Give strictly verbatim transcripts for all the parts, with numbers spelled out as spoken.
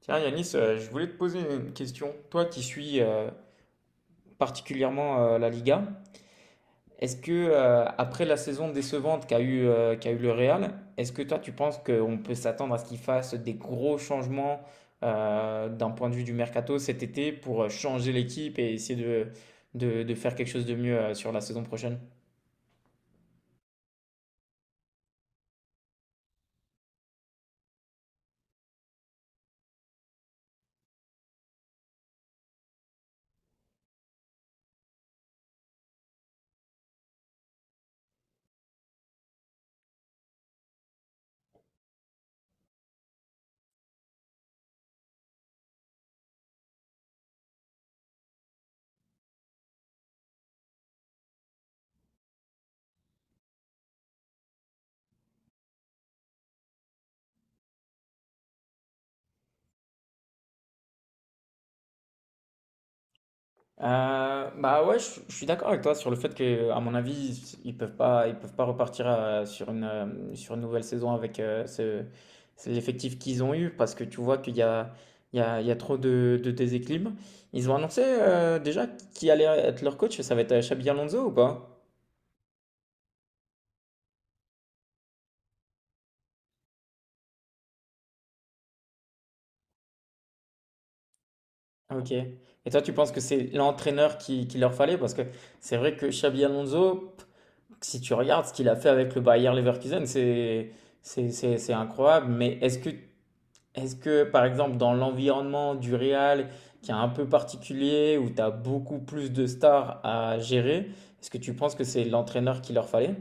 Tiens, Yanis, euh, je voulais te poser une question. Toi qui suis euh, particulièrement euh, la Liga, est-ce que euh, après la saison décevante qu'a eu, euh, qu'a eu le Real, est-ce que toi tu penses qu'on peut s'attendre à ce qu'il fasse des gros changements euh, d'un point de vue du mercato cet été pour changer l'équipe et essayer de, de, de faire quelque chose de mieux euh, sur la saison prochaine? Euh, bah ouais, je, je suis d'accord avec toi sur le fait que, à mon avis, ils peuvent pas, ils peuvent pas repartir euh, sur une, euh, sur une nouvelle saison avec euh, ce, c'est l'effectif qu'ils ont eu parce que tu vois qu'il y a, il y a, il y a trop de, de déséquilibre. Ils ont annoncé euh, déjà qui allait être leur coach, ça va être euh, Xabi Alonso ou pas? Ok. Et toi, tu penses que c'est l'entraîneur qui, qui leur fallait? Parce que c'est vrai que Xabi Alonso, si tu regardes ce qu'il a fait avec le Bayer Leverkusen, c'est c'est- c'est- c'est incroyable. Mais est-ce que Est-ce que, par exemple, dans l'environnement du Real, qui est un peu particulier, où tu as beaucoup plus de stars à gérer, est-ce que tu penses que c'est l'entraîneur qu'il leur fallait?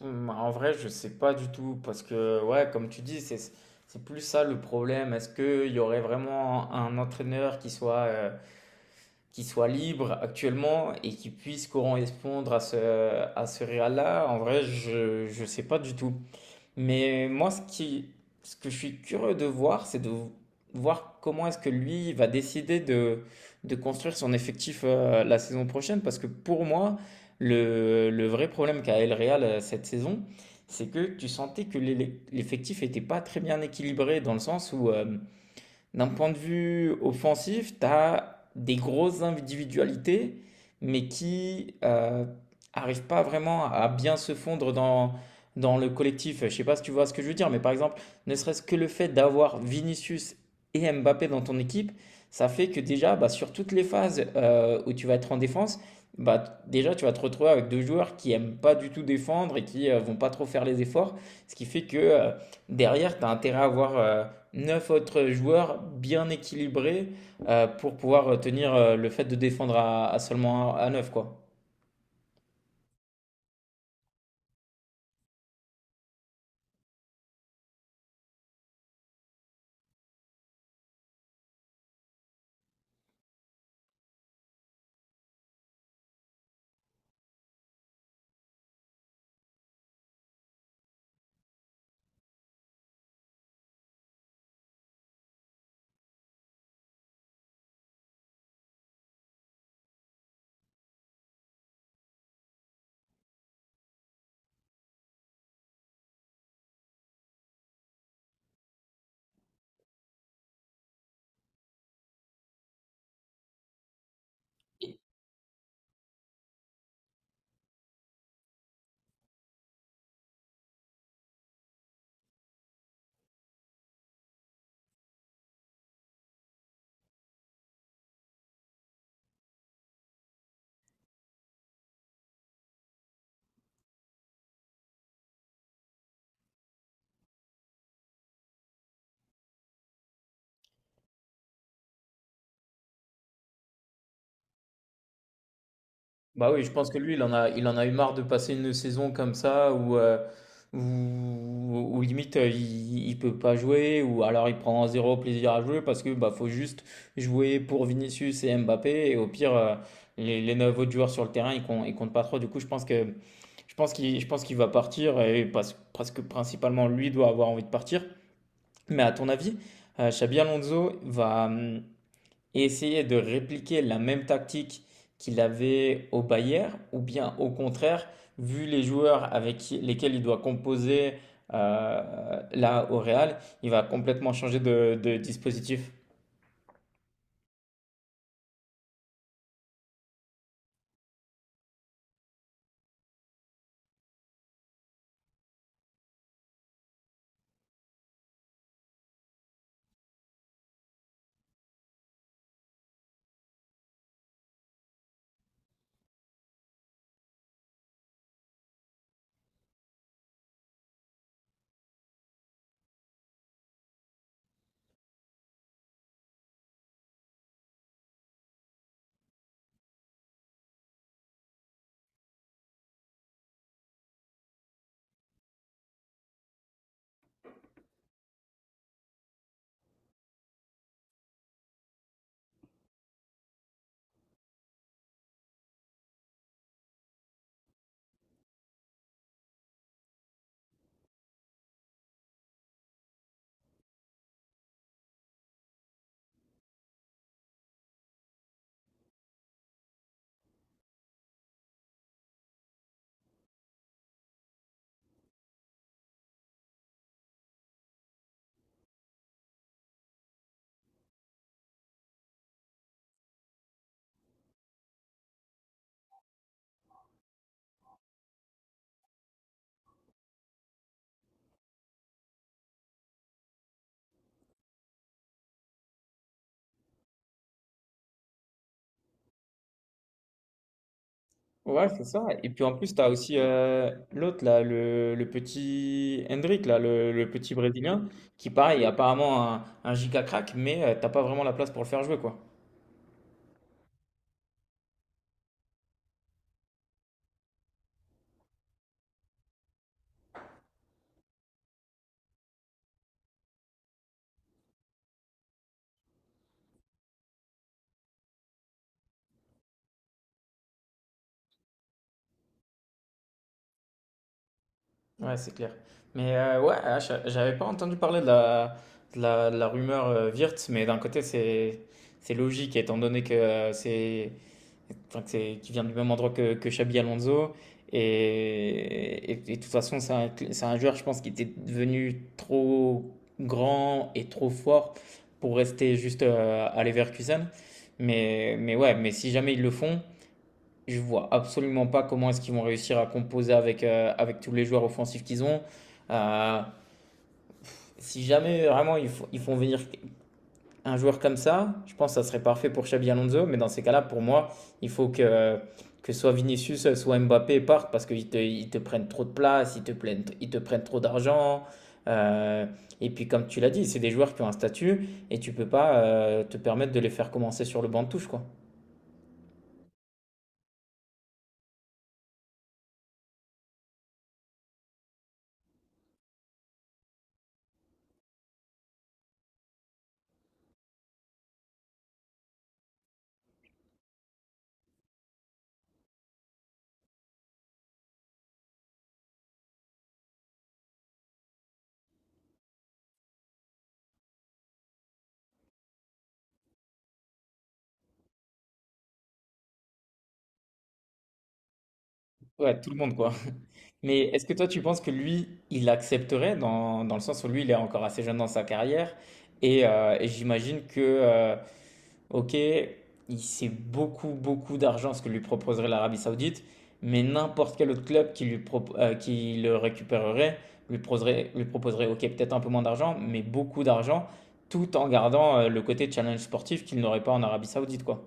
Hum, En vrai, je sais pas du tout, parce que, ouais, comme tu dis, c'est c'est plus ça le problème. Est-ce qu'il y aurait vraiment un entraîneur qui soit, euh, qui soit libre actuellement et qui puisse correspondre à ce, à ce Real-là? En vrai, je, je sais pas du tout. Mais euh, moi, ce qui, ce que je suis curieux de voir, c'est de voir comment est-ce que lui va décider de, de construire son effectif euh, la saison prochaine. Parce que pour moi, le, le vrai problème qu'a El Real euh, cette saison, c'est que tu sentais que l'élec- l'effectif n'était pas très bien équilibré dans le sens où euh, d'un point de vue offensif, tu as des grosses individualités, mais qui euh, arrivent pas vraiment à bien se fondre dans, dans le collectif. Je ne sais pas si tu vois ce que je veux dire, mais par exemple, ne serait-ce que le fait d'avoir Vinicius et Mbappé dans ton équipe, ça fait que déjà, bah, sur toutes les phases euh, où tu vas être en défense, bah, déjà, tu vas te retrouver avec deux joueurs qui aiment pas du tout défendre et qui ne euh, vont pas trop faire les efforts. Ce qui fait que euh, derrière, tu as intérêt à avoir euh, neuf autres joueurs bien équilibrés euh, pour pouvoir tenir euh, le fait de défendre à, à seulement à neuf quoi. Bah oui, je pense que lui, il en a, il en a eu marre de passer une saison comme ça où, euh, où, où limite euh, il, il peut pas jouer ou alors il prend zéro plaisir à jouer parce que bah faut juste jouer pour Vinicius et Mbappé et au pire euh, les, les neuf autres joueurs sur le terrain ils comptent, ils comptent pas trop. Du coup, je pense que je pense qu'il je pense qu'il va partir et parce- parce que principalement lui doit avoir envie de partir. Mais à ton avis, euh, Xabi Alonso va hum, essayer de répliquer la même tactique qu'il avait au Bayern, ou bien au contraire, vu les joueurs avec qui- lesquels il doit composer euh, là au Real, il va complètement changer de, de dispositif. Ouais, c'est ça. Et puis en plus, tu as aussi euh, l'autre, là, le, le petit Hendrick, là, le, le petit Brésilien, qui pareil, est apparemment un, un giga crack, mais tu t'as pas vraiment la place pour le faire jouer, quoi. Ouais, c'est clair. Mais euh, ouais, ah, j'a- j'avais pas entendu parler de la, de la, de la rumeur euh, Wirtz, mais d'un côté, c'est c'est logique, étant donné que euh, c'est enfin, que c'est- qu'il vient du même endroit que, que Xabi Alonso. Et, et, et de toute façon, c'est un, cl- c'est un joueur, je pense, qui était devenu trop grand et trop fort pour rester juste euh, à Leverkusen. Mais, mais ouais, mais si jamais ils le font. Je vois absolument pas comment est-ce qu'ils vont réussir à composer avec, euh, avec tous les joueurs offensifs qu'ils ont. Euh, si jamais vraiment ils, fo- ils font venir un joueur comme ça, je pense que ça serait parfait pour Xabi Alonso. Mais dans ces cas-là, pour moi, il faut que, que soit Vinicius, soit Mbappé partent parce qu'ils te, ils te prennent trop de place, ils te prennent, ils te prennent trop d'argent. Euh, et puis, comme tu l'as dit, c'est des joueurs qui ont un statut et tu peux pas euh, te permettre de les faire commencer sur le banc de touche, quoi. Ouais, tout le monde, quoi. Mais est-ce que toi, tu penses que lui, il accepterait dans, dans le sens où lui, il est encore assez jeune dans sa carrière et, euh, et j'imagine que, euh, ok, il sait beaucoup, beaucoup d'argent ce que lui proposerait l'Arabie Saoudite, mais n'importe quel autre club qui, lui propo- euh, qui le récupérerait lui proposerait, lui proposerait ok, peut-être un peu moins d'argent, mais beaucoup d'argent, tout en gardant euh, le côté challenge sportif qu'il n'aurait pas en Arabie Saoudite, quoi.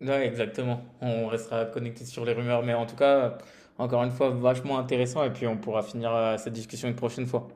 Ouais, exactement. On restera connecté sur les rumeurs, mais en tout cas, euh, encore une fois, vachement intéressant et puis on pourra finir, heu, cette discussion une prochaine fois.